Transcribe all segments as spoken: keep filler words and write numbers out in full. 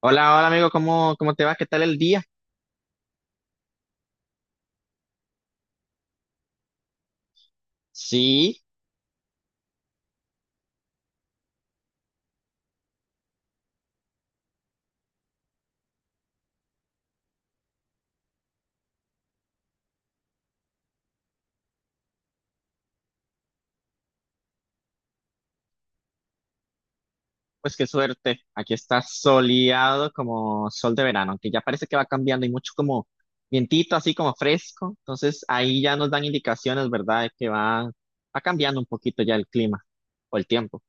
Hola, hola amigo, ¿cómo, cómo te va? ¿Qué tal el día? Sí, pues qué suerte. Aquí está soleado como sol de verano, aunque ya parece que va cambiando y mucho como vientito, así como fresco. Entonces ahí ya nos dan indicaciones, ¿verdad? De que va, va cambiando un poquito ya el clima o el tiempo.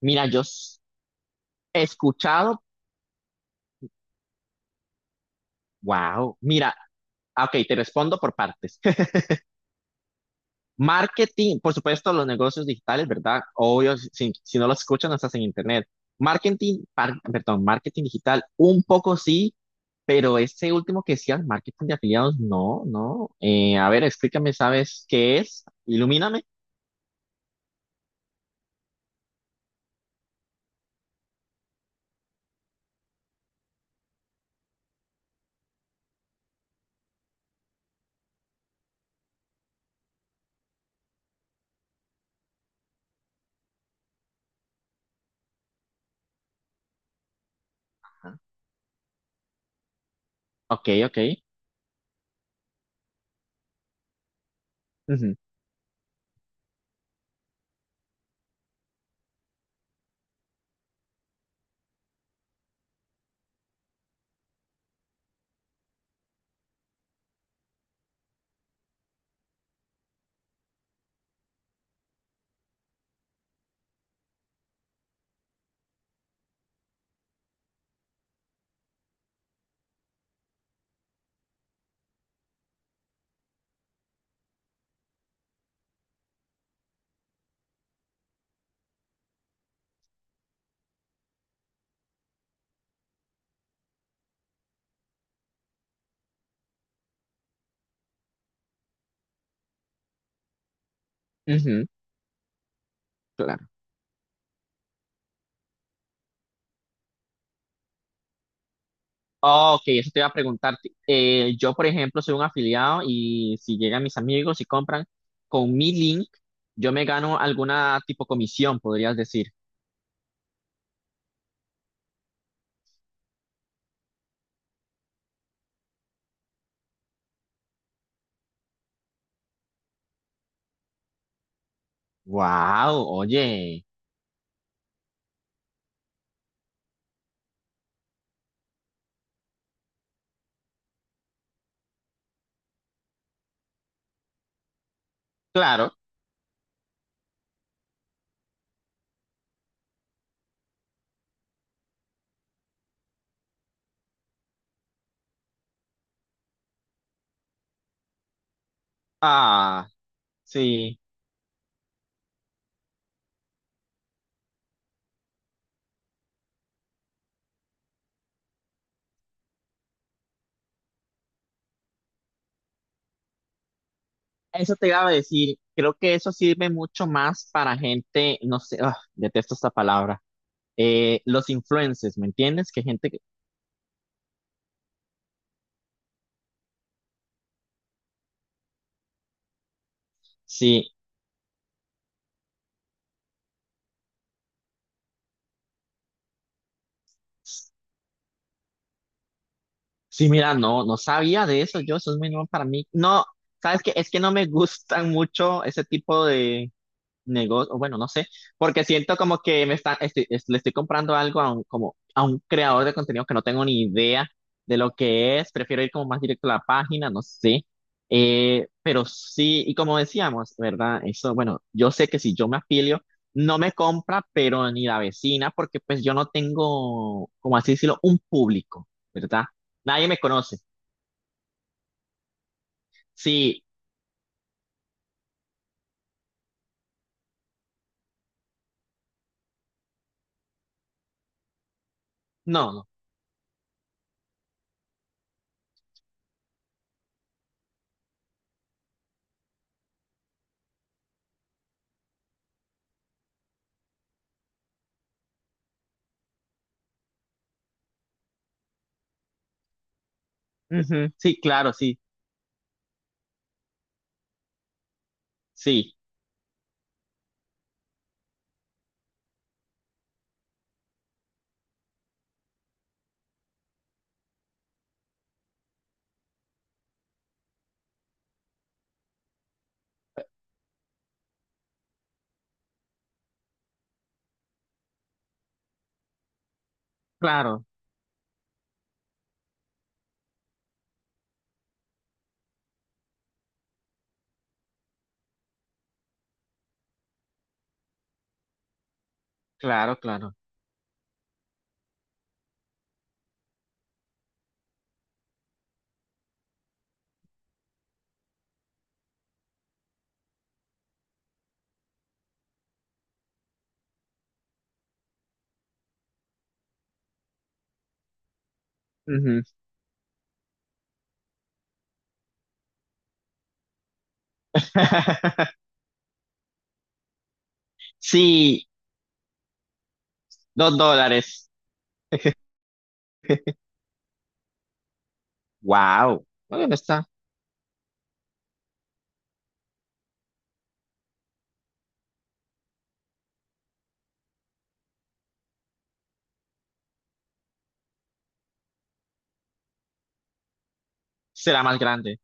Mira, yo s- he escuchado, wow, mira, ah, ok, te respondo por partes. Marketing, por supuesto, los negocios digitales, ¿verdad? Obvio, si, si no los escuchan, no estás en internet. Marketing, par- perdón, marketing digital, un poco sí, pero ese último que decías, marketing de afiliados, no, no. Eh, a ver, explícame, ¿sabes qué es? Ilumíname. Ajá. Ok, ok. Ujú, ujú, claro. Ok, eso te iba a preguntar. Eh, yo, por ejemplo, soy un afiliado y si llegan mis amigos y compran con mi link, yo me gano alguna tipo comisión, podrías decir. Wow, oye, claro. Ah, sí. Eso te iba a decir. Creo que eso sirve mucho más para gente, no sé, ah, detesto esta palabra. Eh, los influencers, ¿me entiendes? Que gente que sí, sí, mira, no, no sabía de eso. Yo, eso es muy nuevo para mí. No, ¿sabes qué? Es que no me gustan mucho ese tipo negocio, bueno, no sé, porque siento como que me está, estoy- es- le estoy comprando algo a un, como a un creador de contenido que no tengo ni idea de lo que es, prefiero ir como más directo a la página, no sé. Eh, pero sí, y como decíamos, ¿verdad? Eso, bueno, yo sé que si yo me afilio, no me compra, pero ni la vecina, porque pues yo no tengo, como así decirlo, un público, ¿verdad? Nadie me conoce. Sí, no, no. Ujú, sí, claro, sí, sí, claro, claro, claro. Ujú. Sí, dos dólares. Wow. Bueno, está. Será más grande.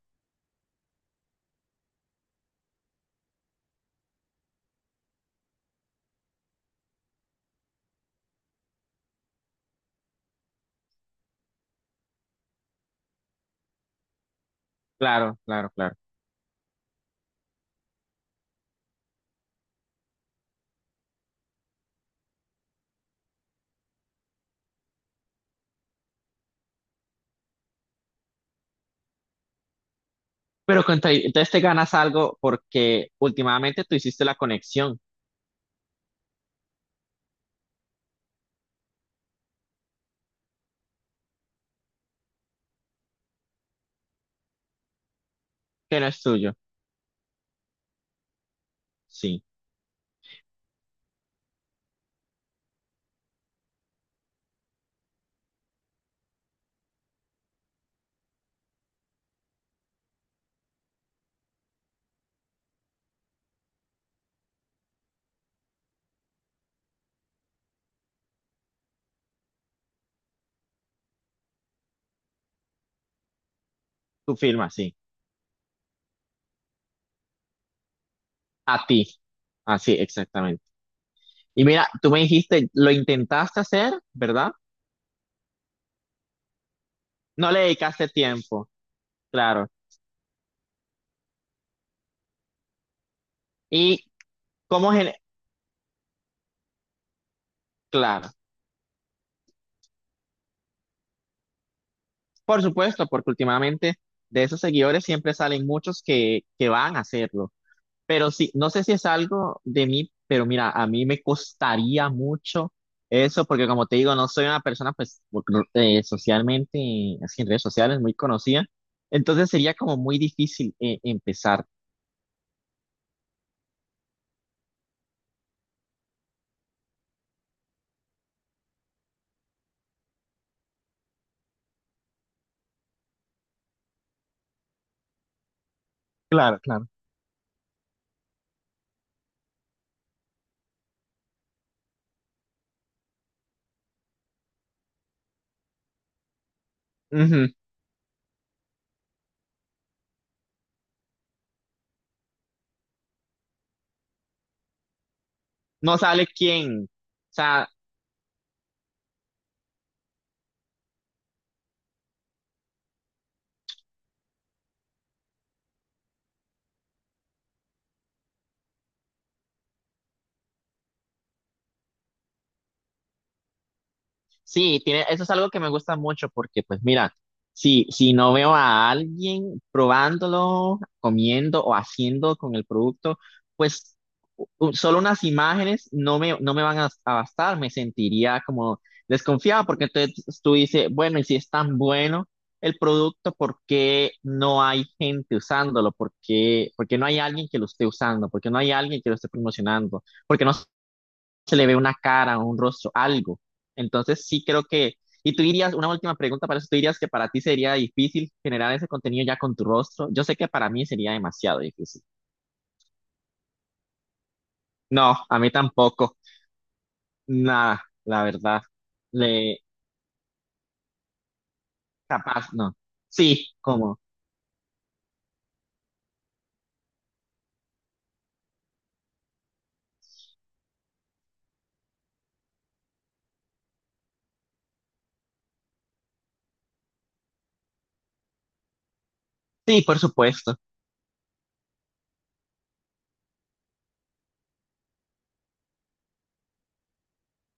Claro, claro, claro. Pero contra, entonces te ganas algo porque últimamente tú hiciste la conexión, que no es tuyo. Sí, tu firma, sí. A ti. Así, exactamente. Y mira, tú me dijiste, lo intentaste hacer, ¿verdad? No le dedicaste tiempo, claro. Y cómo gen- claro, por supuesto, porque últimamente de esos seguidores siempre salen muchos que, que van a hacerlo. Pero sí, no sé si es algo de mí, pero mira, a mí me costaría mucho eso, porque como te digo, no soy una persona, pues, eh, socialmente, así en redes sociales, muy conocida. Entonces sería como muy difícil eh, empezar. Claro, claro. Ujú. No sale quién. O sea, sí, tiene, eso es algo que me gusta mucho porque, pues mira, si, si no veo a alguien probándolo, comiendo o haciendo con el producto, pues u- u- solo unas imágenes no me, no me van a, a bastar, me sentiría como desconfiado porque entonces tú dices, bueno, y si es tan bueno el producto, ¿por qué no hay gente usándolo? ¿Por qué, por qué no hay alguien que lo esté usando? ¿Por qué no hay alguien que lo esté promocionando? Porque no se le ve una cara, un rostro, algo. Entonces sí creo que, y tú dirías, una última pregunta para eso, tú dirías que para ti sería difícil generar ese contenido ya con tu rostro. Yo sé que para mí sería demasiado difícil. No, a mí tampoco. Nada, la verdad. Le, capaz, no. Sí, como, sí, por supuesto.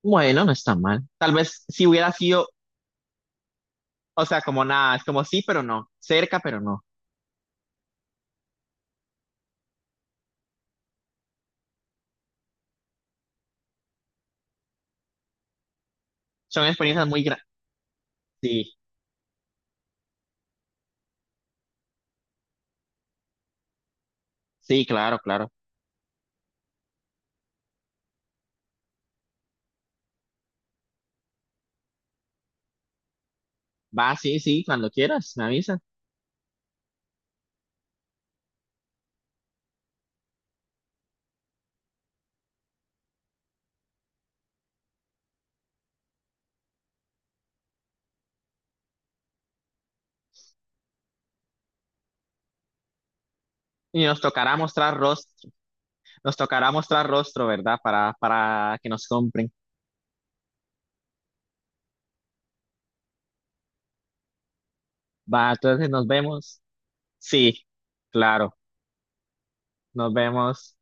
Bueno, no está mal. Tal vez si hubiera sido, o sea, como nada, es como sí, pero no, cerca, pero no. Son experiencias muy grandes. Sí, sí, claro, claro. Va, sí, sí, cuando quieras, me avisas. Y nos tocará mostrar rostro, nos tocará mostrar rostro, ¿verdad? Para, para que nos compren. Va, entonces nos vemos. Sí, claro, nos vemos.